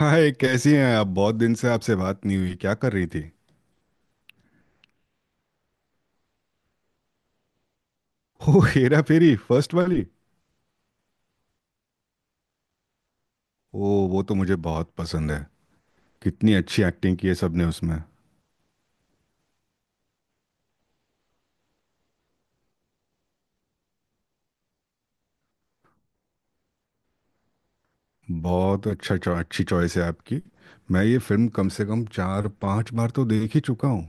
हाय, कैसी हैं आप? बहुत दिन से आपसे बात नहीं हुई। क्या कर रही थी? ओ, हेरा फेरी फर्स्ट वाली। ओ वो तो मुझे बहुत पसंद है। कितनी अच्छी एक्टिंग की है सबने उसमें। बहुत अच्छा अच्छी चॉइस है आपकी। मैं ये फिल्म कम से कम 4-5 बार तो देख ही चुका हूँ।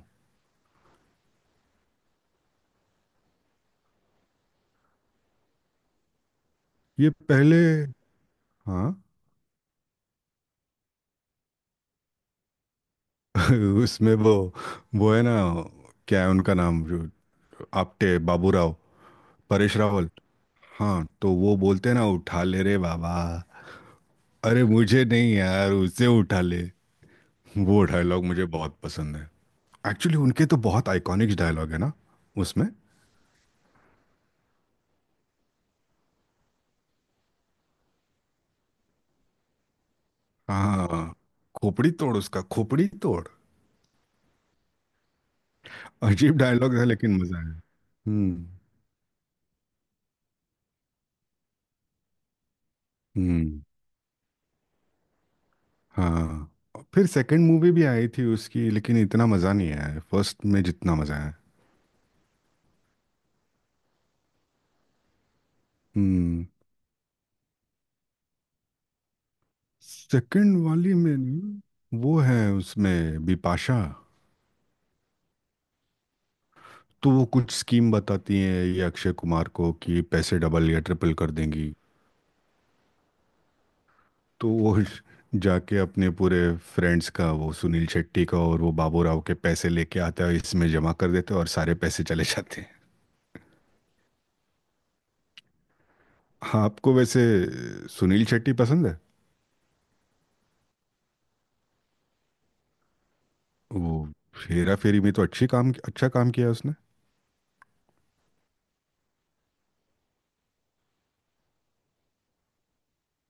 ये पहले। हाँ। उसमें वो है ना, क्या है उनका नाम, जो आपटे बाबू राव, परेश रावल। हाँ, तो वो बोलते हैं ना, उठा ले रे बाबा, अरे मुझे नहीं यार उसे उठा ले। वो डायलॉग मुझे बहुत पसंद है। एक्चुअली उनके तो बहुत आइकॉनिक डायलॉग है ना उसमें। हाँ, खोपड़ी तोड़, उसका खोपड़ी तोड़। अजीब डायलॉग था लेकिन मजा आया। हम्म। हम्म। हाँ, फिर सेकंड मूवी भी आई थी उसकी, लेकिन इतना मजा नहीं आया फर्स्ट में जितना मजा आया। हम्म। सेकंड वाली में न, वो है उसमें बिपाशा। तो वो कुछ स्कीम बताती हैं ये अक्षय कुमार को कि पैसे डबल या ट्रिपल कर देंगी। तो वो जाके अपने पूरे फ्रेंड्स का, वो सुनील शेट्टी का और वो बाबू राव के पैसे लेके आता है, इसमें जमा कर देते हैं और सारे पैसे चले जाते हैं। हाँ, आपको वैसे सुनील शेट्टी पसंद है? वो हेरा फेरी में तो अच्छी काम अच्छा काम किया उसने।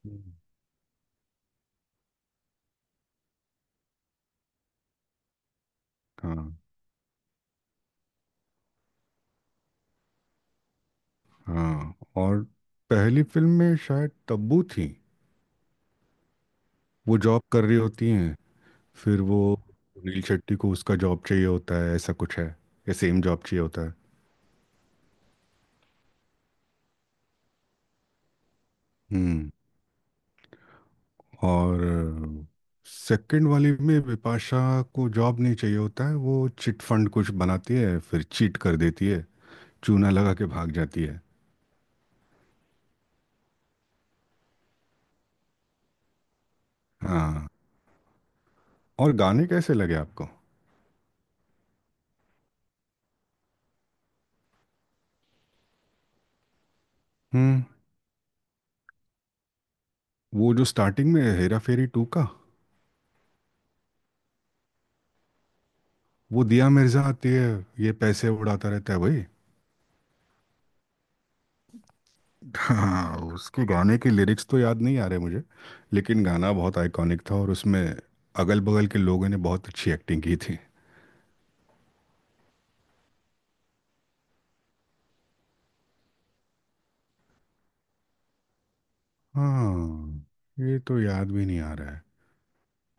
हम्म। हाँ हाँ। और पहली फिल्म में शायद तब्बू थी। वो जॉब कर रही होती हैं। फिर वो अनिल शेट्टी को उसका जॉब चाहिए होता है ऐसा कुछ है, या सेम जॉब चाहिए होता है। हम्म। और सेकंड वाली में बिपाशा को जॉब नहीं चाहिए होता है, वो चिट फंड कुछ बनाती है फिर चीट कर देती है, चूना लगा के भाग जाती है। हाँ। और गाने कैसे लगे आपको? हम्म। वो जो स्टार्टिंग में है, हेरा फेरी टू का, वो दिया मिर्जा आती है, ये पैसे उड़ाता रहता है भाई। हाँ, उसके गाने के लिरिक्स तो याद नहीं आ रहे मुझे, लेकिन गाना बहुत आइकॉनिक था और उसमें अगल बगल के लोगों ने बहुत अच्छी एक्टिंग की थी। हाँ, ये तो याद भी नहीं आ रहा है।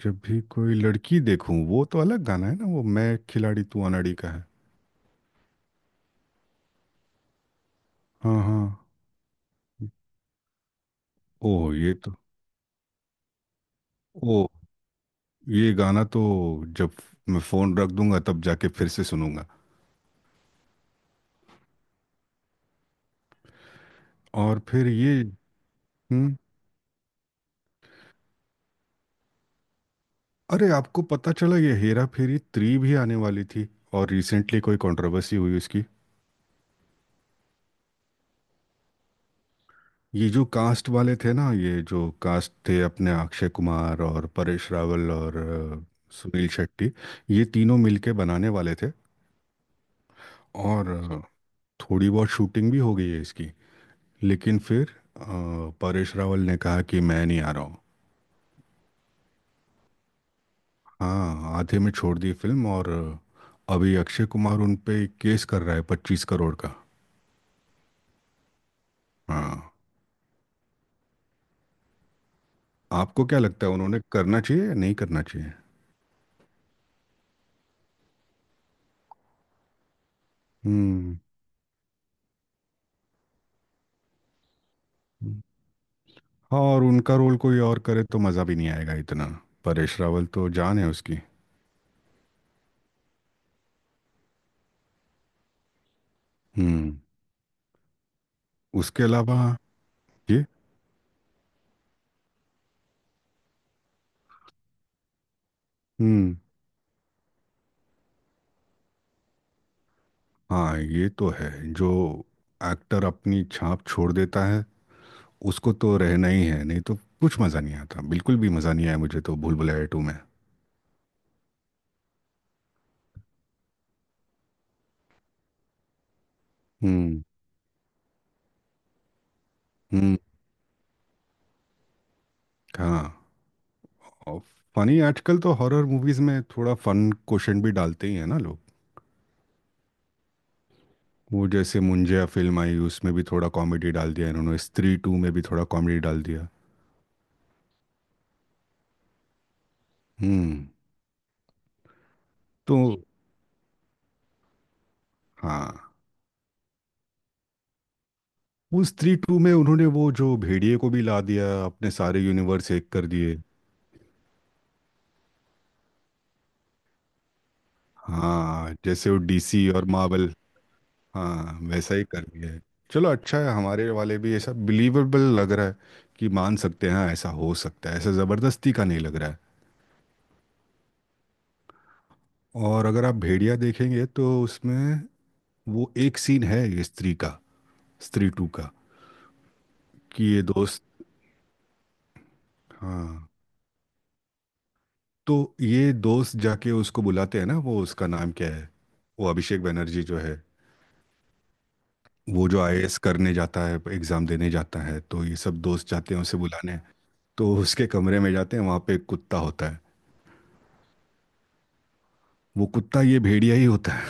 जब भी कोई लड़की देखूं, वो तो अलग गाना है ना, वो मैं खिलाड़ी तू अनाड़ी का है। हाँ हाँ। ओह, ये तो, ओ, ये गाना तो जब मैं फ़ोन रख दूंगा तब जाके फिर से सुनूंगा। और फिर ये। हम्म। अरे, आपको पता चला ये हेरा फेरी थ्री भी आने वाली थी? और रिसेंटली कोई कंट्रोवर्सी हुई उसकी। ये जो कास्ट वाले थे ना, ये जो कास्ट थे अपने, अक्षय कुमार और परेश रावल और सुनील शेट्टी, ये तीनों मिलके बनाने वाले थे। और थोड़ी बहुत शूटिंग भी हो गई है इसकी, लेकिन फिर अ, परेश रावल ने कहा कि मैं नहीं आ रहा हूँ। हाँ, आधे में छोड़ दी फिल्म। और अभी अक्षय कुमार उन पे केस कर रहा है 25 करोड़ का। हाँ। आपको क्या लगता है, उन्होंने करना चाहिए या नहीं करना चाहिए? हम्म। हम्म। हाँ, और उनका रोल कोई और करे तो मज़ा भी नहीं आएगा इतना। परेश रावल तो जान है उसकी। हम्म। उसके अलावा ये। हम्म। हाँ, ये तो है, जो एक्टर अपनी छाप छोड़ देता है उसको तो रहना ही है, नहीं तो कुछ मज़ा नहीं आता। बिल्कुल भी मज़ा नहीं आया मुझे तो भूल भुलैया टू में। हम्म। हम्म। हाँ। और फनी, आजकल तो हॉरर मूवीज़ में थोड़ा फन क्वेश्चन भी डालते ही है ना लोग। वो जैसे मुंजिया फिल्म आई उसमें भी थोड़ा कॉमेडी डाल दिया, इन्होंने स्त्री टू में भी थोड़ा कॉमेडी डाल दिया। हम्म। तो हाँ, वो स्त्री टू में उन्होंने वो जो भेड़िए को भी ला दिया, अपने सारे यूनिवर्स एक कर दिए। हाँ, जैसे वो डीसी और मार्वल। हाँ, वैसा ही कर दिया है। चलो अच्छा है, हमारे वाले भी ऐसा बिलीवेबल लग रहा है कि मान सकते हैं हाँ, ऐसा हो सकता है, ऐसा ज़बरदस्ती का नहीं लग रहा है। और अगर आप भेड़िया देखेंगे तो उसमें वो एक सीन है, ये स्त्री का, स्त्री टू का, कि ये दोस्त, हाँ, तो ये दोस्त जाके उसको बुलाते हैं ना, वो उसका नाम क्या है, वो अभिषेक बनर्जी जो है, वो जो आईएएस करने जाता है, एग्जाम देने जाता है, तो ये सब दोस्त जाते हैं उसे बुलाने। तो उसके कमरे में जाते हैं, वहाँ पे एक कुत्ता होता है। वो कुत्ता ये भेड़िया ही होता है।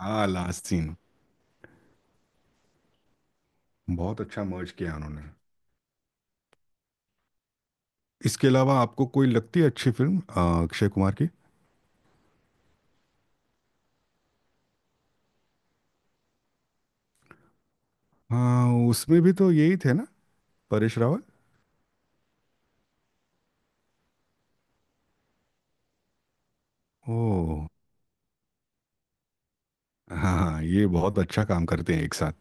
हाँ, लास्ट सीन। बहुत अच्छा मर्ज किया उन्होंने। इसके अलावा आपको कोई लगती है अच्छी फिल्म अक्षय कुमार की? हाँ, उसमें भी तो यही थे ना, परेश रावल। ओह। हाँ हाँ, ये बहुत अच्छा काम करते हैं एक साथ।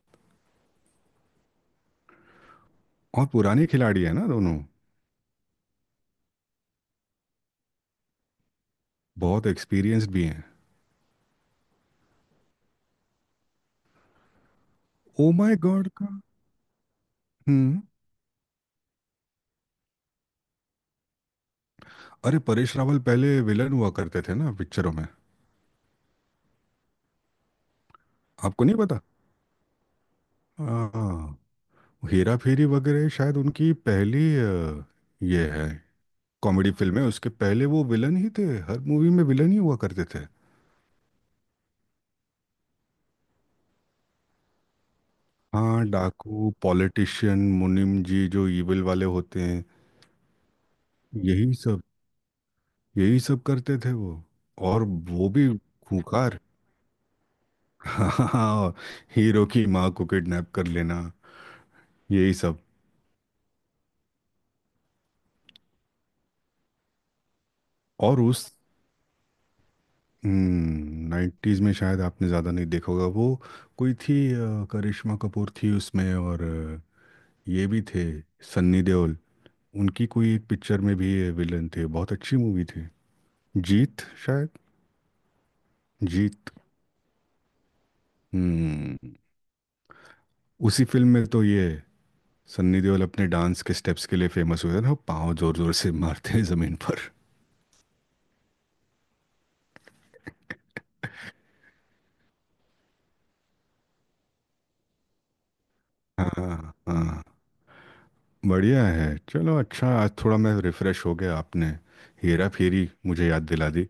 और पुराने खिलाड़ी है ना दोनों। बहुत एक्सपीरियंस्ड भी हैं। ओ माय गॉड का। हम्म। अरे, परेश रावल पहले विलन हुआ करते थे ना पिक्चरों में। आपको नहीं पता? हाँ, हेरा फेरी वगैरह शायद उनकी पहली ये है, कॉमेडी फिल्म है, उसके पहले वो विलन ही थे। हर मूवी में विलन ही हुआ करते थे। हाँ, डाकू, पॉलिटिशियन, मुनीम जी, जो इविल वाले होते हैं, यही सब। यही सब करते थे वो। और वो भी खूंखार। हाँ, हीरो की माँ को किडनैप कर लेना, यही सब। और उस नाइन्टीज में शायद आपने ज़्यादा नहीं देखा होगा, वो कोई थी करिश्मा कपूर थी उसमें और ये भी थे, सन्नी देओल। उनकी कोई एक पिक्चर में भी विलन थे, बहुत अच्छी मूवी थी, जीत शायद। जीत। हम्म। उसी फिल्म में तो ये सन्नी देओल अपने डांस के स्टेप्स के लिए फेमस हुए थे ना, पाँव जोर जोर से मारते हैं जमीन पर। हाँ हाँ। बढ़िया है। चलो अच्छा, आज थोड़ा मैं रिफ्रेश हो गया, आपने हेरा फेरी मुझे याद दिला दी।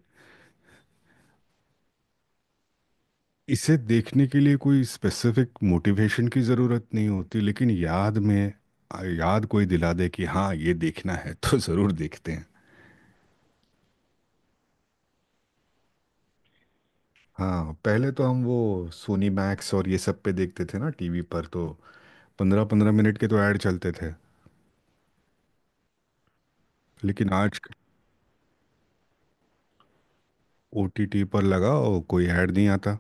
इसे देखने के लिए कोई स्पेसिफिक मोटिवेशन की ज़रूरत नहीं होती, लेकिन याद में याद कोई दिला दे कि हाँ ये देखना है, तो ज़रूर देखते हैं। हाँ, पहले तो हम वो सोनी मैक्स और ये सब पे देखते थे ना टीवी पर, तो 15-15 मिनट के तो ऐड चलते थे। लेकिन आज ओटीटी पर लगाओ, कोई ऐड नहीं आता।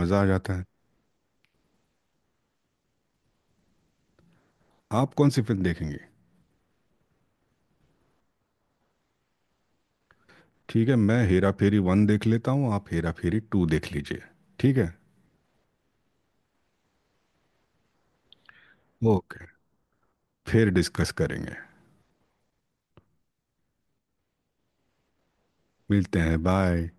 मज़ा आ जाता है। आप कौन सी फिल्म देखेंगे? ठीक है, मैं हेरा फेरी वन देख लेता हूँ, आप हेरा फेरी टू देख लीजिए। ठीक है। ओके, फिर डिस्कस करेंगे। मिलते हैं, बाय।